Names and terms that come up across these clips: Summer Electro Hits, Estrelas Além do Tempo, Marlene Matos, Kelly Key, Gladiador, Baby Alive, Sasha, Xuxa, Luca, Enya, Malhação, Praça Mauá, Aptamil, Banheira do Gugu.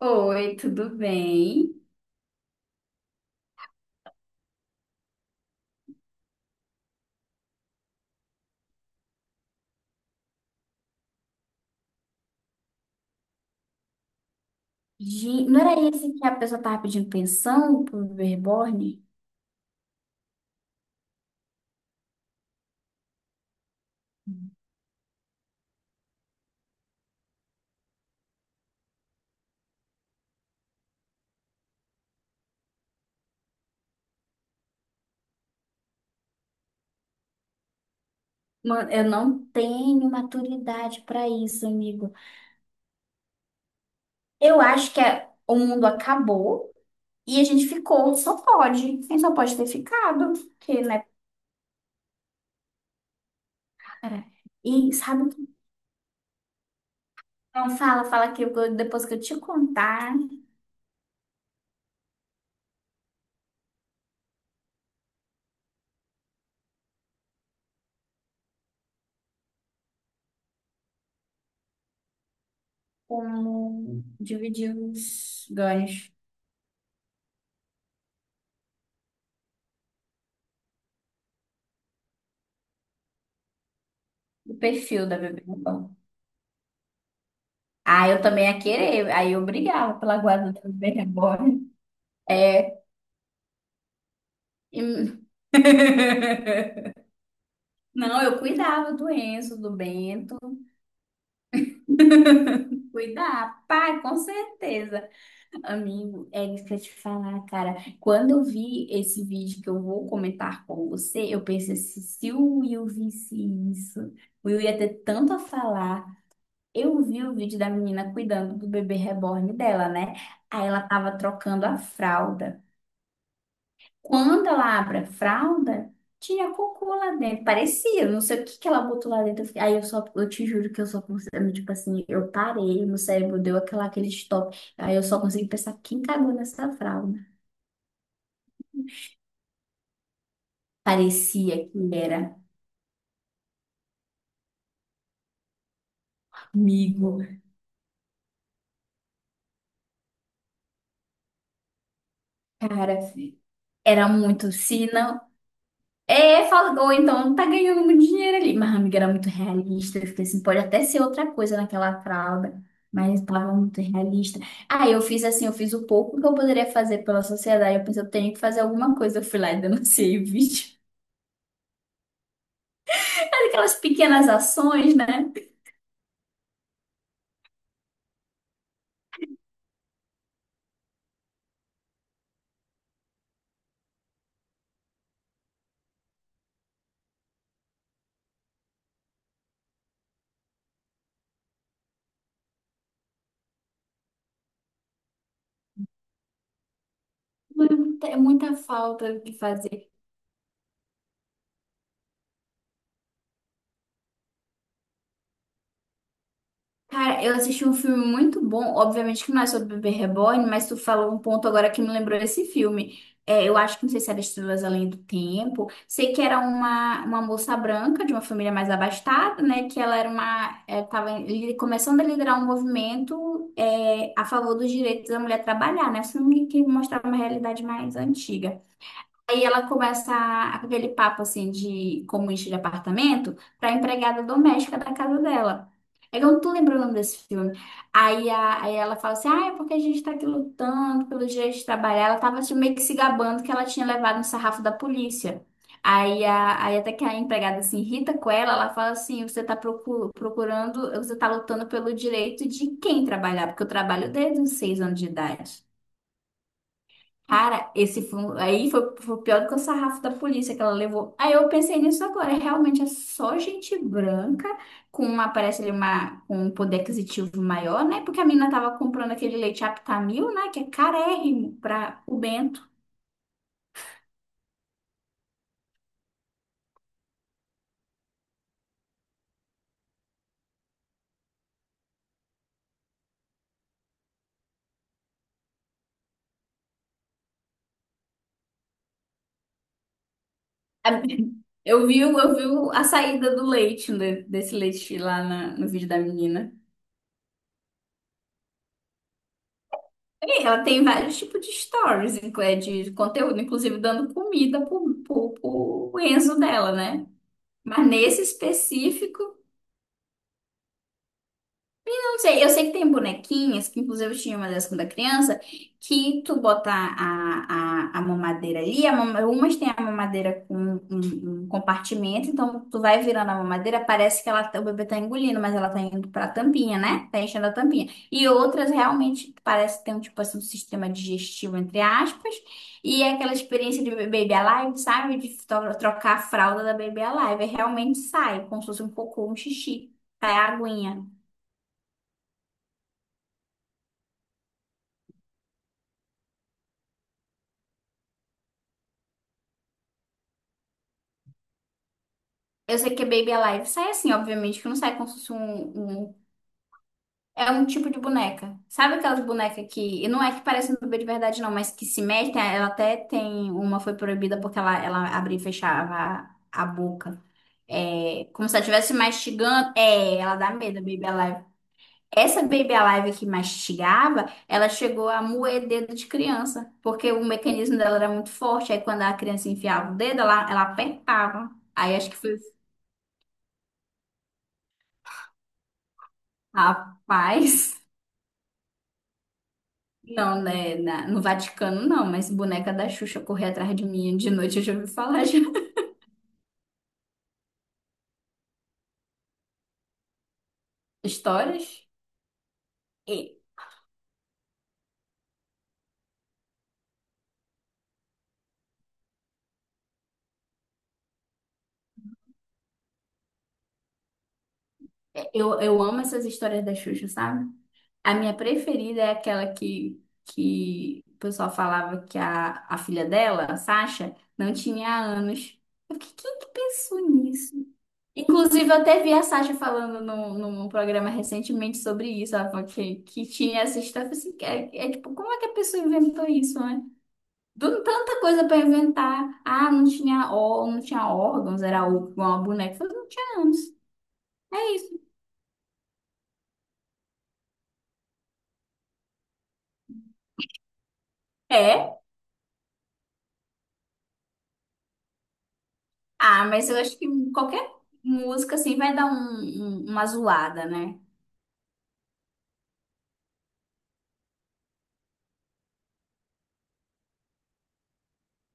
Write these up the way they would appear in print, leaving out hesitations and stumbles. Oi, tudo bem? Gente, não era esse que a pessoa tava pedindo pensão pro reborn? Mano, eu não tenho maturidade para isso, amigo. Eu acho que o mundo acabou e a gente ficou. Só pode. Quem só pode ter ficado. Que, né? Cara? E sabe o que? Não fala, fala que depois que eu te contar como dividir os ganhos do perfil da bebê reborn. Ah, eu também ia querer. Aí eu brigava pela guarda do bebê reborn. É. e- Não, eu cuidava do Enzo, do Bento. Cuidar, pai, com certeza. Amigo, é isso que eu te falar, cara. Quando eu vi esse vídeo que eu vou comentar com você, eu pensei assim, se o Will visse isso, o Will ia ter tanto a falar. Eu vi o vídeo da menina cuidando do bebê reborn dela, né? Aí ela tava trocando a fralda. Quando ela abre a fralda, tinha cocô lá dentro. Parecia, não sei o que que ela botou lá dentro. Aí eu só, eu te juro que eu só consegui, tipo assim, eu parei, meu cérebro deu aquela, aquele stop. Aí eu só consegui pensar, quem cagou nessa fralda? Parecia que era, amigo. Cara, era muito, se não, é, falou, então tá ganhando muito dinheiro ali. Mas a amiga era muito realista. Eu fiquei assim, pode até ser outra coisa naquela fralda, mas tava muito realista. Aí eu fiz assim, eu fiz o pouco que eu poderia fazer pela sociedade. Eu pensei, eu tenho que fazer alguma coisa. Eu fui lá e denunciei o vídeo. Aquelas pequenas ações, né? É muita falta o que fazer. Cara, eu assisti um filme muito bom, obviamente que não é sobre Bebê Reborn, mas tu falou um ponto agora que me lembrou esse filme. É, eu acho que não sei se era Estrelas Além do Tempo. Sei que era uma moça branca de uma família mais abastada, né? Que ela era uma, começando a liderar um movimento a favor dos direitos da mulher trabalhar, né? Um filme que mostrava uma realidade mais antiga. Aí ela aquele papo assim de comunista de apartamento para empregada doméstica da casa dela. É que eu não tô lembrando o nome desse filme. Aí ela fala assim: ah, é porque a gente tá aqui lutando pelo direito de trabalhar. Ela tava assim, meio que se gabando que ela tinha levado um sarrafo da polícia. Aí até que a empregada se irrita com ela, ela fala assim: você tá procurando, você tá lutando pelo direito de quem trabalhar, porque eu trabalho desde os seis anos de idade. Cara, esse foi, um- aí foi, foi pior do que o sarrafo da polícia que ela levou. Aí eu pensei nisso agora. Realmente é só gente branca com uma, parece ali uma, com um poder aquisitivo maior, né? Porque a menina tava comprando aquele leite Aptamil, né? Que é carérrimo para o Bento. A- eu vi a saída do leite, né, desse leite lá no vídeo da menina. E ela tem vários tipos de stories, de conteúdo, inclusive dando comida pro Enzo dela, né? Mas nesse específico, não sei, eu sei que tem bonequinhas, que inclusive eu tinha uma dessas quando era criança, que tu botar a mamadeira ali, a mama, umas tem a mamadeira com um compartimento, então tu vai virando a mamadeira, parece que o bebê tá engolindo, mas ela tá indo pra tampinha, né? Tá enchendo a tampinha. E outras realmente parece que tem um tipo assim, um sistema digestivo, entre aspas, e é aquela experiência de Baby Alive, sabe? De trocar a fralda da Baby Alive, e realmente sai, como se fosse um cocô, um xixi, sai a aguinha. Eu sei que é Baby Alive. Sai assim, obviamente, que não sai como se fosse um. É um tipo de boneca. Sabe aquelas bonecas que... não é que parece um bebê de verdade, não, mas que se mexe. Ela até tem... Uma foi proibida porque ela abria e fechava a boca. É, como se ela estivesse mastigando. É, ela dá medo, a Baby Alive. Essa Baby Alive que mastigava, ela chegou a moer dedo de criança. Porque o mecanismo dela era muito forte. Aí quando a criança enfiava o dedo, ela apertava. Aí acho que foi... assim, rapaz... Não, né, no Vaticano não, mas boneca da Xuxa correr atrás de mim de noite, eu já ouvi falar já. Histórias? E- eu amo essas histórias da Xuxa, sabe? A minha preferida é aquela que o pessoal falava que a filha dela, a Sasha, não tinha anos. Eu fiquei, quem que pensou nisso? Inclusive, eu até vi a Sasha falando num programa recentemente sobre isso, ela falou que tinha essa história. Eu falei assim, é tipo, como é que a pessoa inventou isso, né? Tanta coisa para inventar. Ah, não tinha, ó, não tinha órgãos, era igual uma boneca. Eu falei, não tinha ânus. É isso. É? Ah, mas eu acho que qualquer música assim vai dar uma zoada, né?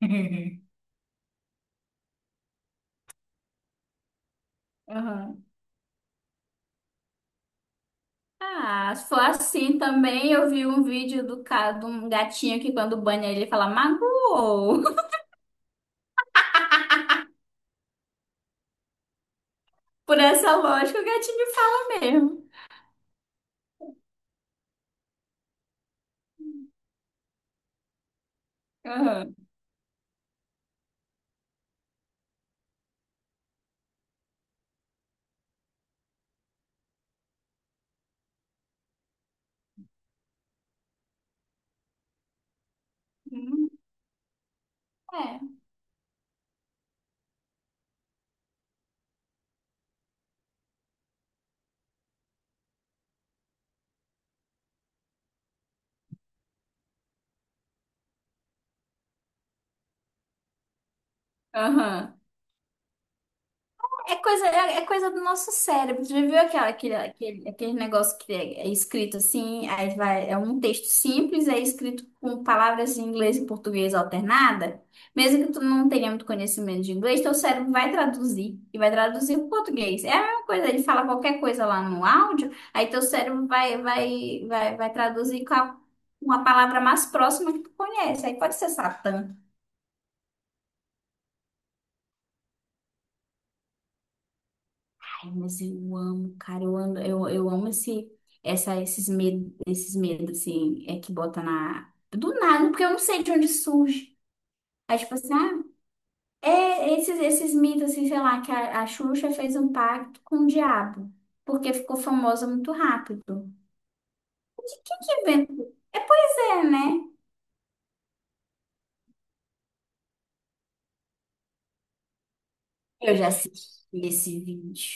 Aham. Ah, se for assim também, eu vi um vídeo do cara, de um gatinho que quando banha ele fala magoou. Por essa lógica, o gatinho fala mesmo. Aham. Hum. É. Aham. É coisa, é coisa do nosso cérebro. Já viu aquela, aquele negócio que é escrito assim, aí vai, é um texto simples, é escrito com palavras em inglês e português alternada? Mesmo que tu não tenha muito conhecimento de inglês, teu cérebro vai traduzir e vai traduzir para português. É a mesma coisa, ele fala qualquer coisa lá no áudio, aí teu cérebro vai traduzir uma palavra mais próxima que tu conhece. Aí pode ser Satã. Ai, mas eu amo, cara, eu amo, eu amo esse, essa, esses medos, assim, é que bota na... Do nada, porque eu não sei de onde surge. Aí, tipo assim, ah, é esses, esses mitos, assim, sei lá, que a Xuxa fez um pacto com o diabo, porque ficou famosa muito rápido. Quem que inventou? É, pois é, né? Eu já assisti esse vídeo.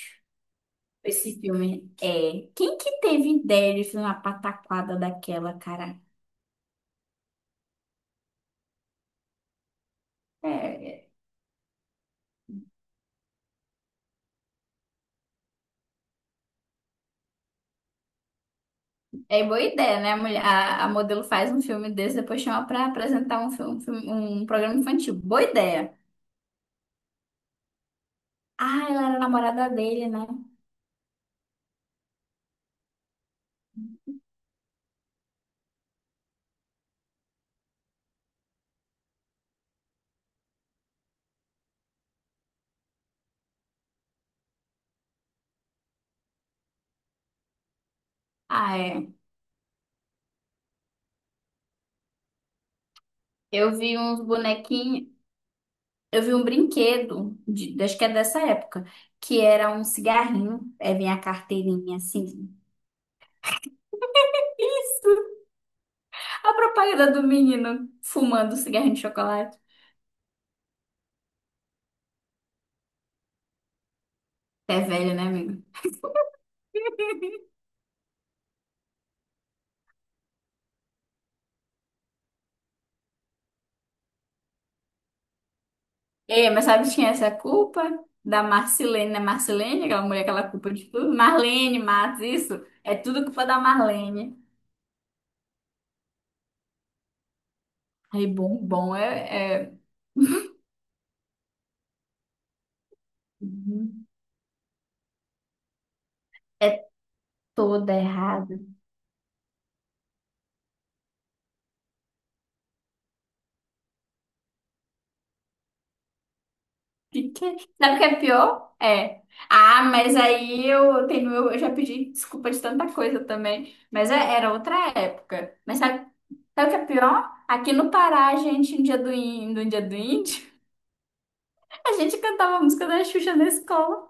Esse filme é. Quem que teve ideia de fazer uma pataquada daquela, cara? É, é boa ideia, né? A modelo faz um filme desse, depois chama pra apresentar um programa infantil. Boa ideia. Ah, ela era namorada dele, né? Ah, é. Eu vi uns bonequinhos, eu vi um brinquedo, de, acho que é dessa época, que era um cigarrinho, aí vinha a carteirinha assim. A propaganda do menino fumando cigarrinho de chocolate. É velho, né, amigo? Ei, mas sabe de quem é essa culpa? Da Marcilene, né? Marcilene, aquela mulher que ela culpa de tudo. Marlene Matos, isso. É tudo culpa da Marlene. Aí, bom, bom, uhum. É toda errada. Que é? Sabe o que é pior? É. Ah, mas aí eu tenho, eu já pedi desculpa de tanta coisa também. Era outra época. Mas sabe, sabe o que é pior? Aqui no Pará, a gente, no dia do índio, no dia do índio, a gente cantava a música da Xuxa na escola.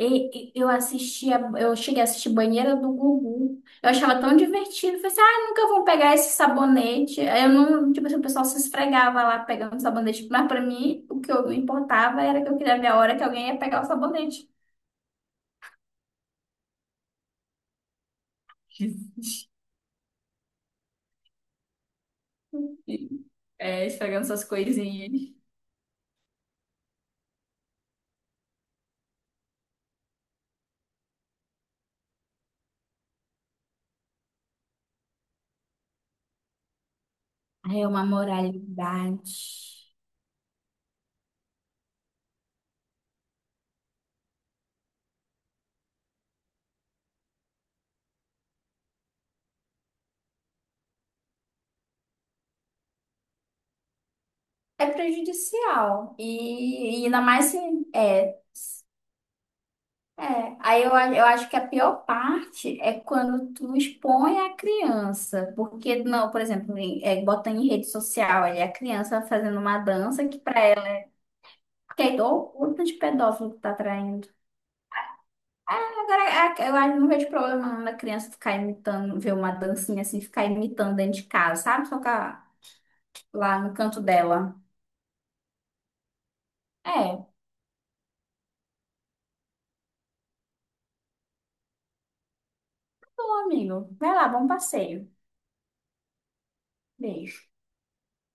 Eu assistia, eu cheguei a assistir Banheira do Gugu. Eu achava tão divertido. Falei assim, ah, nunca vão pegar esse sabonete. Aí eu não, tipo assim, o pessoal se esfregava lá pegando sabonete. Mas pra mim, o que eu não importava era que eu queria ver a hora que alguém ia pegar o sabonete. É, esfregando essas coisinhas. É uma moralidade. É prejudicial. E ainda mais se, é, é, aí eu acho que a pior parte é quando tu expõe a criança, porque não, por exemplo, bota em rede social ali a criança fazendo uma dança que pra ela, que é igual o culto de pedófilo que tá traindo. Ah, agora, eu acho que não vejo problema não da criança ficar imitando, ver uma dancinha assim, ficar imitando dentro de casa, sabe? Lá no canto dela. É, bom, amigo. Vai lá, bom passeio. Beijo.